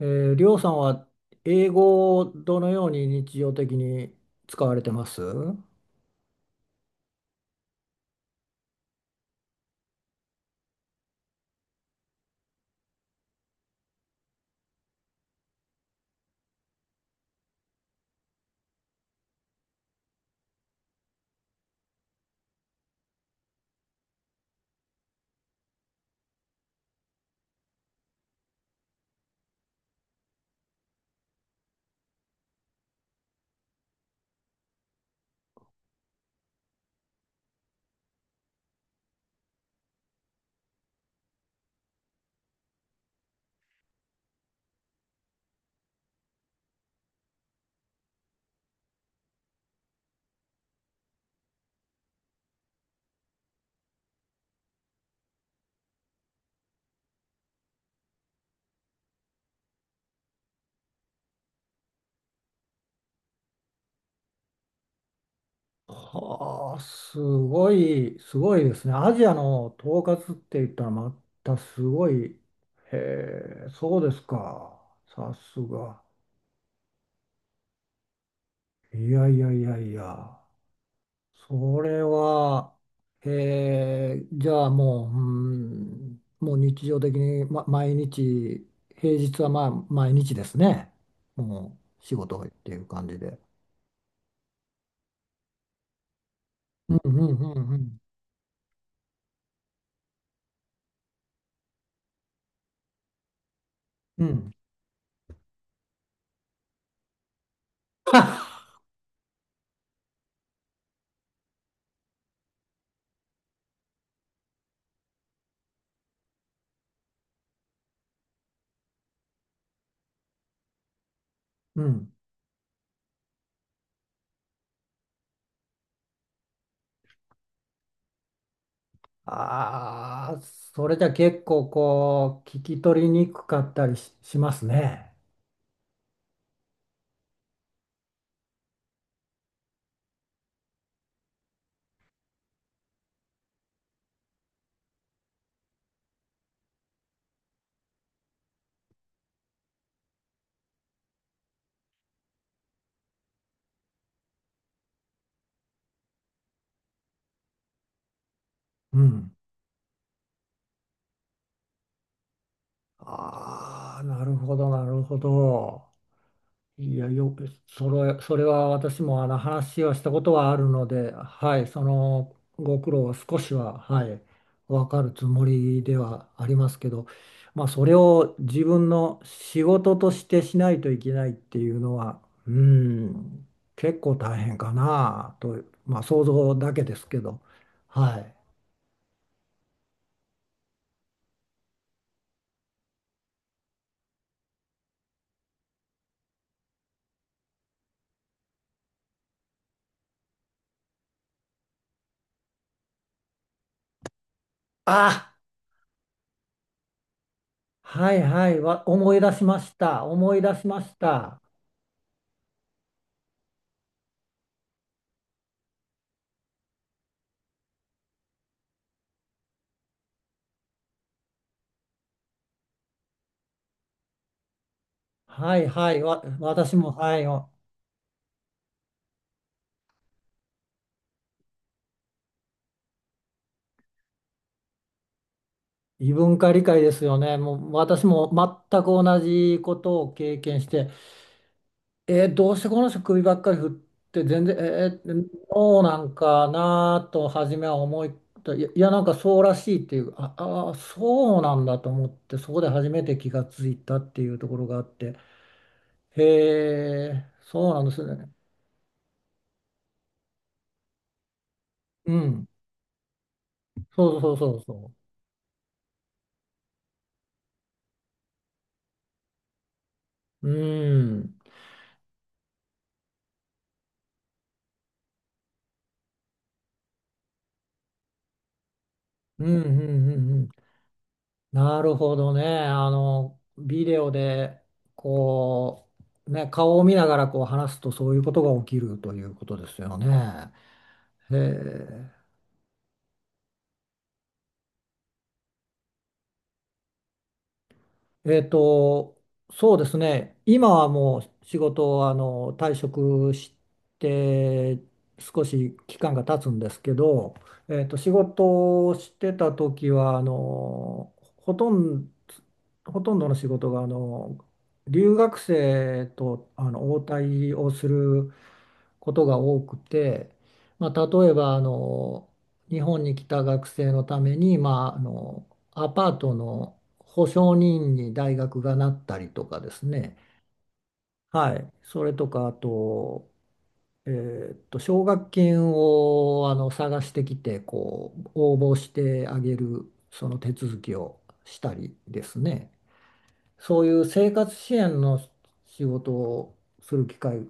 えりょうさんは英語をどのように日常的に使われてます？はあ、すごい、すごいですね。アジアの統括って言ったらまたすごい。へえ、そうですか。さすが。いやいやいやいや。それは、じゃあもう、うん、もう日常的に、ま、毎日、平日はまあ毎日ですね。もう仕事っていう感じで。うんうんうんうん。うん。うん。ああ、それじゃ結構こう、聞き取りにくかったりし、しますね。うん。ああ、なるほど、なるほど。いや、よく、それ、それは私もあの話をしたことはあるので、はい、そのご苦労は少しは、はい、わかるつもりではありますけど、まあ、それを自分の仕事としてしないといけないっていうのは、うん、結構大変かなと、まあ、想像だけですけど、はい。あ、思い出しました。思い出しました。はいはい、私も、はい。お異文化理解ですよね。もう私も全く同じことを経験して、えーどうしてこの人首ばっかり振って全然、えー、そうなんかなと初めは思い、いや、いやなんかそうらしいっていう、ああー、そうなんだと思って、そこで初めて気がついたっていうところがあって、へえ、そうなんですね。うん、そうそうそうそう。うん、うん、うん、うん、うん。なるほどね。あの、ビデオで、こう、ね、顔を見ながらこう話すとそういうことが起きるということですよね。へえ。えっと、そうですね。今はもう仕事をあの退職して少し期間が経つんですけど、えっと、仕事をしてた時はあのほとんど、ほとんどの仕事があの留学生とあの応対をすることが多くて、まあ、例えばあの日本に来た学生のために、まあ、あのアパートの保証人に大学がなったりとかですね、はい、それとかあと、奨学金をあの探してきてこう応募してあげるその手続きをしたりですね、そういう生活支援の仕事をする機会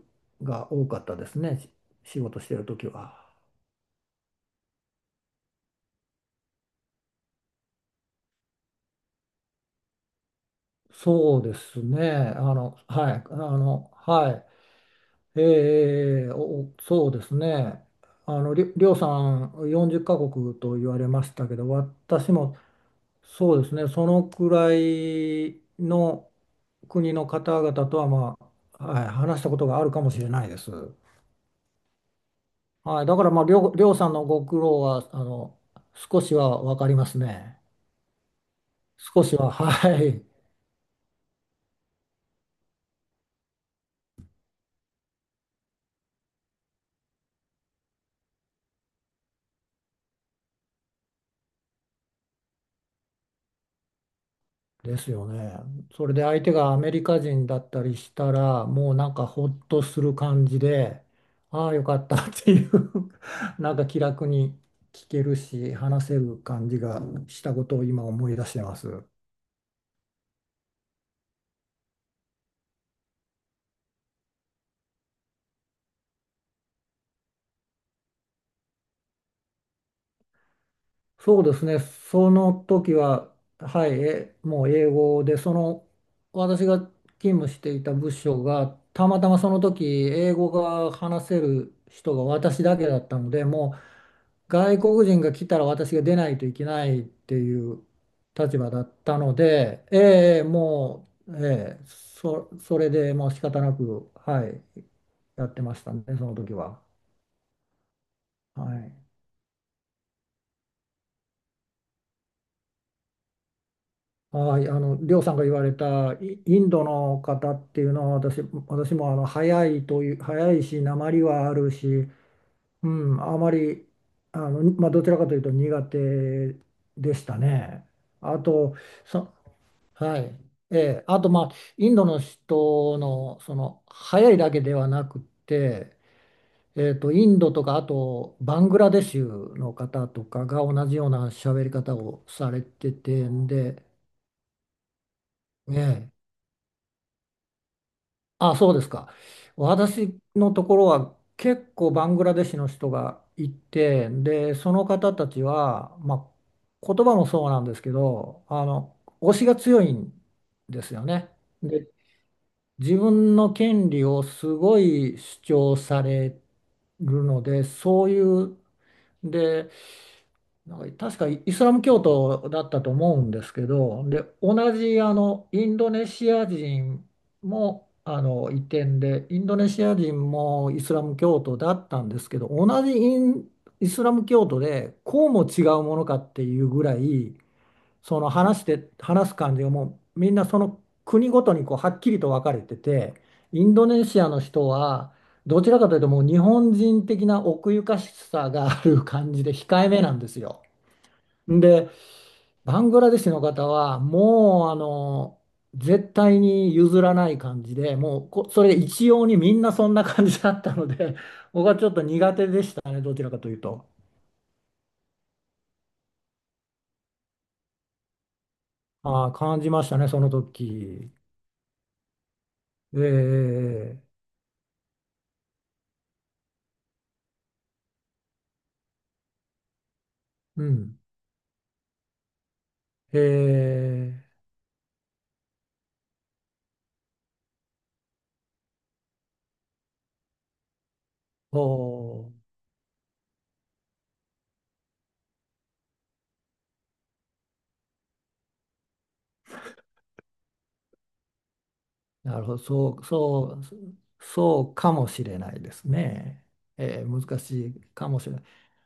が多かったですね、仕事してる時は。そうですね。あの、はい、あの、はい。えー、お、そうですね。あの、りょうさん40カ国と言われましたけど、私もそうですね、そのくらいの国の方々とは、まあ、はい、話したことがあるかもしれないです。はい、だから、まあ、りょうさんのご苦労は、あの、少しは分かりますね。少しは、はい。ですよね。それで相手がアメリカ人だったりしたら、もうなんかほっとする感じで、ああ、よかったっていう なんか気楽に聞けるし、話せる感じがしたことを今思い出してます。そうですね、その時は、はい、え、もう英語で、その私が勤務していた部署が、たまたまその時、英語が話せる人が私だけだったので、もう外国人が来たら私が出ないといけないっていう立場だったので、ええ、もう、ええ、それでもう仕方なく、はい、やってましたね、その時は。はいはい、あの、りょうさんが言われたインドの方っていうのは私、私もあの早いという、早いし、訛りはあるし、うん、あまり、あの、まあ、どちらかというと苦手でしたね。あと、そ、はい、ええ、あと、まあ、インドの人の、その、早いだけではなくって、えーと、インドとか、あと、バングラデシュの方とかが同じような喋り方をされててんで、ねあ、そうですか。私のところは結構バングラデシュの人がいて、で、その方たちは、まあ、言葉もそうなんですけど、あの、推しが強いんですよね。で、自分の権利をすごい主張されるので、そういう、で、なんか確かイスラム教徒だったと思うんですけど、で、同じあのインドネシア人もあの移転で、インドネシア人もイスラム教徒だったんですけど、同じイン、イスラム教徒でこうも違うものかっていうぐらい、その話して、話す感じがもうみんなその国ごとにこうはっきりと分かれてて、インドネシアの人は、どちらかというともう日本人的な奥ゆかしさがある感じで控えめなんですよ。で、バングラデシュの方は、もう、あの、絶対に譲らない感じで、もうこ、それ一様にみんなそんな感じだったので、僕はちょっと苦手でしたね、どちらかというと。ああ、感じましたね、その時。ええうん。ええおなるほど、そう、そう、そうかもしれないですね。えー難しいかもしれない。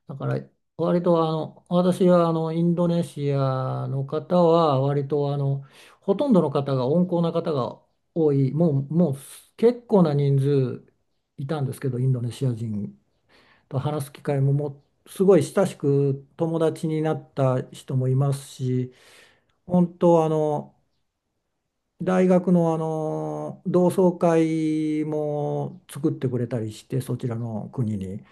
だから、割とあの、私はあの、インドネシアの方は、割とあの、ほとんどの方が温厚な方が多い、もう、もう結構な人数いたんですけど、インドネシア人と話す機会も、もうすごい親しく友達になった人もいますし、本当あの、大学のあの同窓会も作ってくれたりしてそちらの国に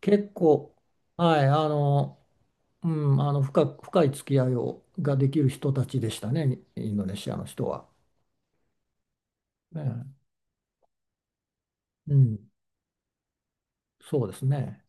結構はいあのうんあの深く、深い付き合いをができる人たちでしたねインドネシアの人は。ねうんそうですね。